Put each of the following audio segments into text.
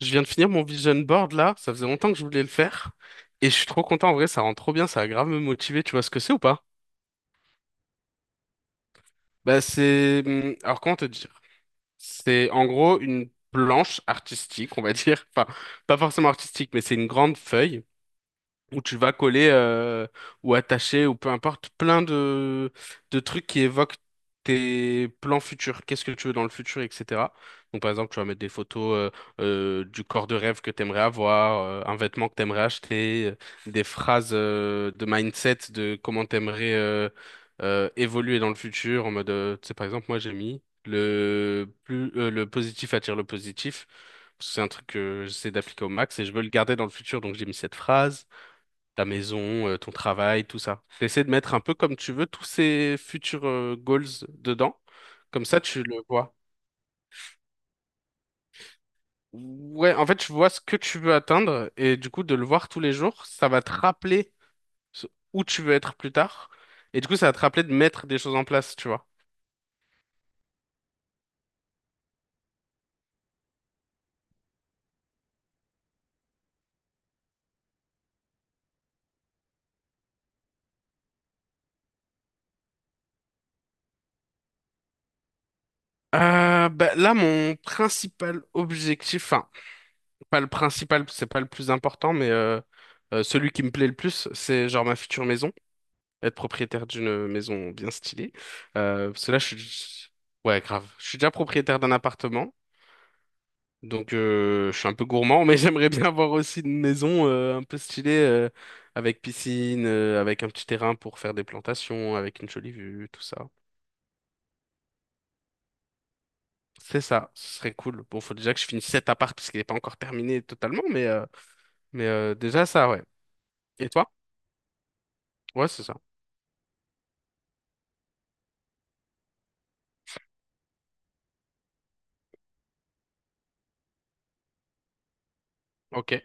Je viens de finir mon vision board là, ça faisait longtemps que je voulais le faire. Et je suis trop content, en vrai, ça rend trop bien, ça va grave me motiver, tu vois ce que c'est ou pas? Bah, alors comment te dire? C'est en gros une planche artistique, on va dire. Enfin, pas forcément artistique, mais c'est une grande feuille où tu vas coller ou attacher ou peu importe plein de trucs qui évoquent tes plans futurs, qu'est-ce que tu veux dans le futur, etc. Donc par exemple, tu vas mettre des photos du corps de rêve que tu aimerais avoir, un vêtement que tu aimerais acheter, des phrases de mindset de comment tu aimerais évoluer dans le futur en mode tu sais par exemple, moi j'ai mis le positif attire le positif, parce que c'est un truc que j'essaie d'appliquer au max et je veux le garder dans le futur, donc j'ai mis cette phrase. Ta maison, ton travail, tout ça. Essaie de mettre un peu comme tu veux tous ces futurs goals dedans. Comme ça, tu le vois. Ouais, en fait, tu vois ce que tu veux atteindre et du coup, de le voir tous les jours, ça va te rappeler ce- où tu veux être plus tard. Et du coup, ça va te rappeler de mettre des choses en place, tu vois. Bah, là, mon principal objectif, enfin, pas le principal, c'est pas le plus important, mais celui qui me plaît le plus, c'est genre ma future maison. Être propriétaire d'une maison bien stylée. Parce que là, je suis... Ouais, grave. Je suis déjà propriétaire d'un appartement, donc je suis un peu gourmand, mais j'aimerais bien avoir aussi une maison un peu stylée, avec piscine, avec un petit terrain pour faire des plantations, avec une jolie vue, tout ça. C'est ça, ce serait cool. Bon, faut déjà que je finisse cet appart, parce qu'il n'est pas encore terminé totalement, mais déjà ça, ouais. Et toi? Ouais, c'est ça. Ok.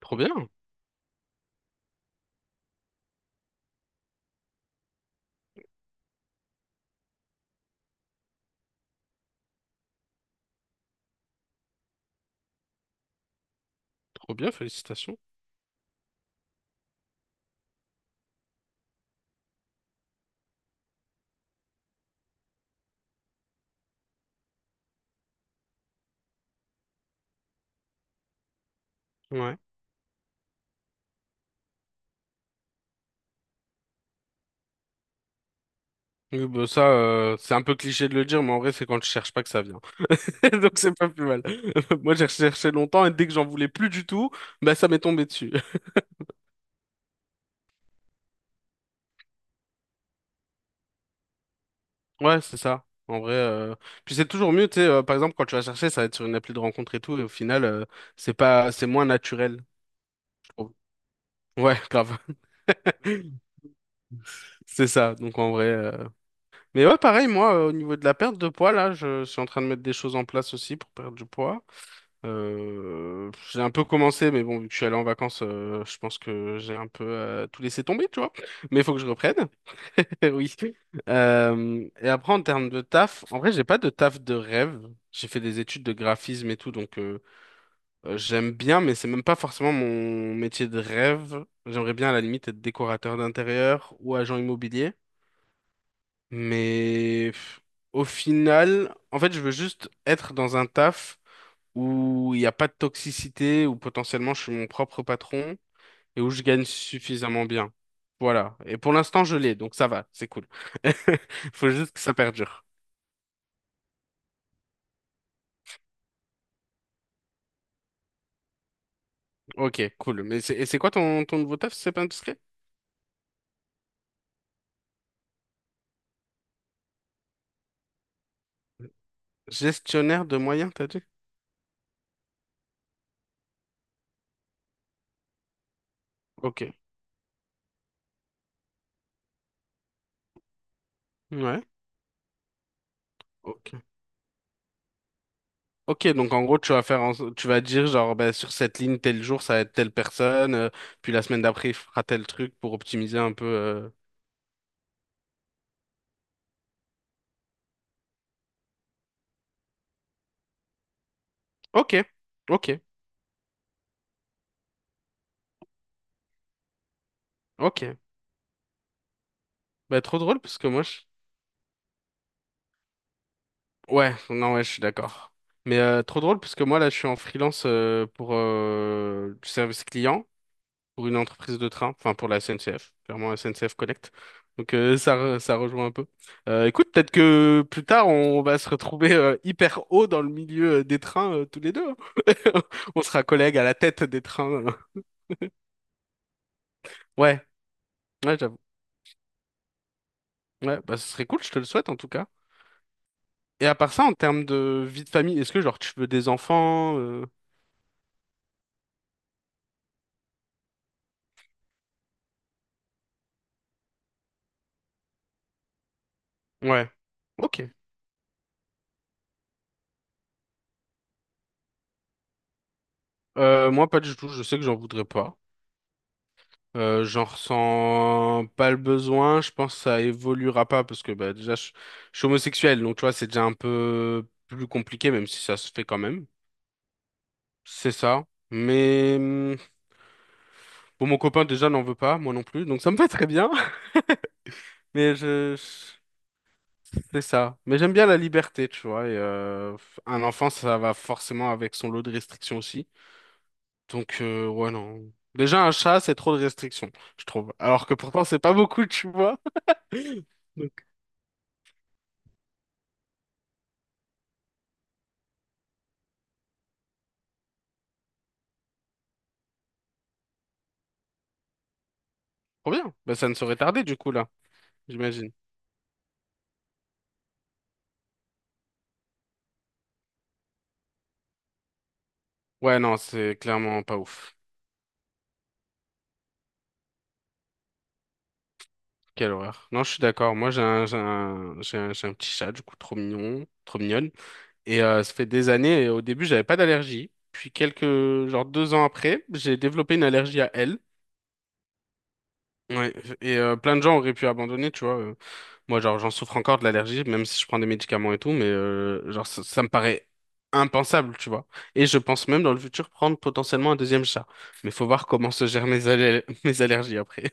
Trop bien, trop bien, félicitations. Ouais. Oui, bah ça, c'est un peu cliché de le dire, mais en vrai, c'est quand je cherche pas que ça vient. Donc, c'est pas plus mal. Moi, j'ai recherché longtemps et dès que j'en voulais plus du tout, bah, ça m'est tombé dessus. Ouais, c'est ça. En vrai, puis c'est toujours mieux, tu sais, par exemple, quand tu vas chercher, ça va être sur une appli de rencontre et tout, et au final, c'est pas, c'est moins naturel, je trouve. Ouais, grave. C'est ça. Donc, en vrai, mais ouais, pareil, moi, au niveau de la perte de poids, là, je suis en train de mettre des choses en place aussi pour perdre du poids. J'ai un peu commencé, mais bon, vu que je suis allé en vacances, je pense que j'ai un peu tout laissé tomber, tu vois. Mais il faut que je reprenne. Oui. Et après, en termes de taf, en vrai, j'ai pas de taf de rêve. J'ai fait des études de graphisme et tout, donc j'aime bien, mais c'est même pas forcément mon métier de rêve. J'aimerais bien, à la limite, être décorateur d'intérieur ou agent immobilier. Mais pff, au final, en fait, je veux juste être dans un taf où il n'y a pas de toxicité, où potentiellement je suis mon propre patron et où je gagne suffisamment bien. Voilà. Et pour l'instant, je l'ai, donc ça va, c'est cool. Faut juste que ça perdure. Ok, cool. Et c'est quoi ton nouveau taf, si c'est pas indiscret? Gestionnaire de moyens, t'as dit? Ok. Ouais. Ok. Ok, donc en gros, tu vas faire en so- tu vas dire genre bah, sur cette ligne, tel jour, ça va être telle personne, puis la semaine d'après, il fera tel truc pour optimiser un peu. Ok. Ok. Ok. Bah trop drôle parce que moi, je... Ouais, non, ouais, je suis d'accord. Mais trop drôle parce que moi là, je suis en freelance pour du service client pour une entreprise de train, enfin pour la SNCF, clairement SNCF Connect. Donc ça rejoint un peu. Écoute, peut-être que plus tard on va se retrouver hyper haut dans le milieu des trains tous les deux, hein. On sera collègues à la tête des trains. Ouais, ouais, j'avoue. Ouais, bah ce serait cool, je te le souhaite en tout cas. Et à part ça, en termes de vie de famille, est-ce que genre tu veux des enfants? Ouais. Ok. Moi, pas du tout. Je sais que j'en voudrais pas. J'en ressens pas le besoin. Je pense que ça évoluera pas parce que bah, déjà, je suis homosexuel. Donc, tu vois, c'est déjà un peu plus compliqué, même si ça se fait quand même. C'est ça. Mais bon, mon copain déjà n'en veut pas, moi non plus. Donc, ça me va très bien. Mais c'est ça. Mais j'aime bien la liberté, tu vois. Et, un enfant, ça va forcément avec son lot de restrictions aussi. Donc, ouais, non. Déjà, un chat, c'est trop de restrictions je trouve. Alors que pourtant, c'est pas beaucoup, tu vois. Donc, trop bien. Bah, ça ne saurait tarder du coup là, j'imagine. Ouais, non, c'est clairement pas ouf. Quelle horreur. Non, je suis d'accord. Moi, j'ai un petit chat, du coup, trop mignon, trop mignonne. Et ça fait des années, et au début, j'avais pas d'allergie. Puis genre 2 ans après, j'ai développé une allergie à elle. Ouais. Et plein de gens auraient pu abandonner, tu vois. Moi, genre, j'en souffre encore de l'allergie, même si je prends des médicaments et tout, mais genre, ça me paraît impensable, tu vois. Et je pense même dans le futur prendre potentiellement un deuxième chat. Mais faut voir comment se gèrent mes mes allergies après.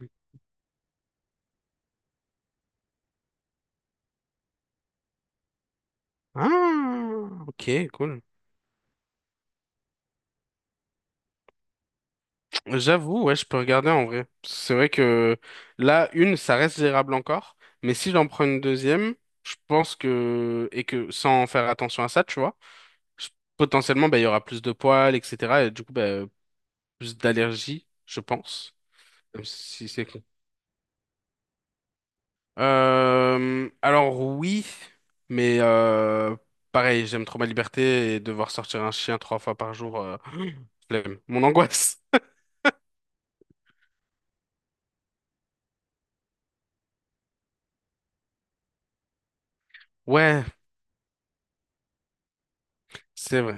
Ah, ok, cool. J'avoue, ouais, je peux regarder en vrai. C'est vrai que là, une, ça reste gérable encore, mais si j'en prends une deuxième, je pense que, et que sans faire attention à ça, tu vois, je- potentiellement, bah, il y aura plus de poils, etc. Et du coup, bah, plus d'allergies, je pense. Même si c'est con. Alors oui, mais pareil, j'aime trop ma liberté et devoir sortir un chien 3 fois par jour, flemme. Mon angoisse. Ouais, c'est vrai.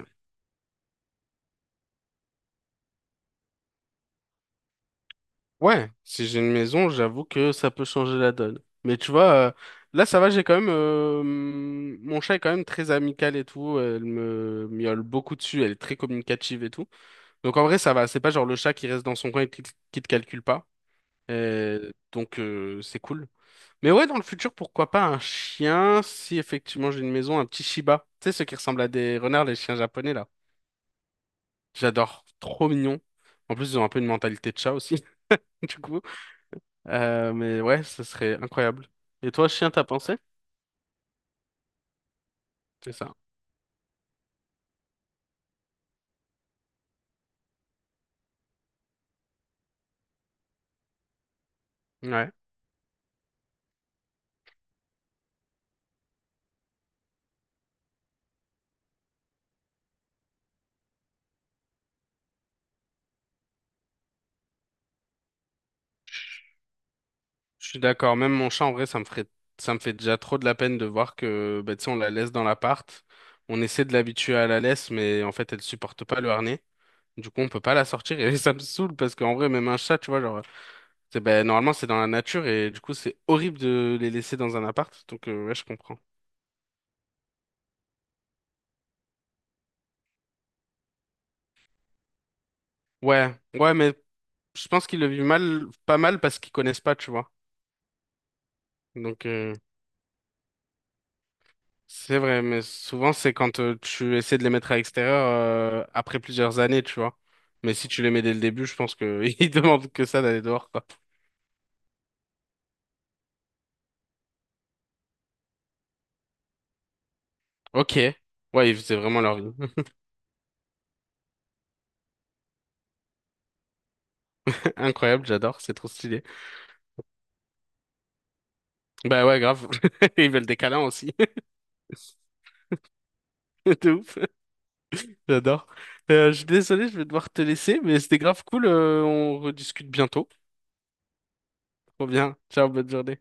Ouais, si j'ai une maison, j'avoue que ça peut changer la donne. Mais tu vois, là ça va, j'ai quand même mon chat est quand même très amical et tout. Elle me miaule beaucoup dessus, elle est très communicative et tout. Donc en vrai ça va, c'est pas genre le chat qui reste dans son coin et qui te calcule pas. Et donc c'est cool. Mais ouais, dans le futur, pourquoi pas un chien si effectivement j'ai une maison, un petit Shiba. Tu sais, ceux qui ressemblent à des renards, les chiens japonais là. J'adore, trop mignon. En plus, ils ont un peu une mentalité de chat aussi, du coup. Mais ouais, ce serait incroyable. Et toi, chien, t'as pensé? C'est ça. Ouais. Je suis d'accord. Même mon chat, en vrai, ça me fait déjà trop de la peine de voir que, bah, tu sais, on la laisse dans l'appart. On essaie de l'habituer à la laisse, mais en fait, elle supporte pas le harnais. Du coup, on peut pas la sortir et ça me saoule parce qu'en vrai, même un chat, tu vois, genre. Ben, normalement, c'est dans la nature et du coup, c'est horrible de les laisser dans un appart. Donc, ouais, je comprends. Ouais, ouais, mais je pense qu'ils le vivent mal, pas mal parce qu'ils connaissent pas, tu vois. Donc, c'est vrai, mais souvent, c'est quand tu essaies de les mettre à l'extérieur après plusieurs années, tu vois. Mais si tu les mets dès le début, je pense que ils demandent que ça d'aller dehors, quoi. Ok. Ouais, ils faisaient vraiment leur vie. Incroyable, j'adore, c'est trop stylé. Bah ouais, grave. Ils veulent des câlins aussi. De ouf. J'adore. Je suis désolé, je vais devoir te laisser, mais c'était grave cool. On rediscute bientôt. Trop bien. Ciao, bonne journée.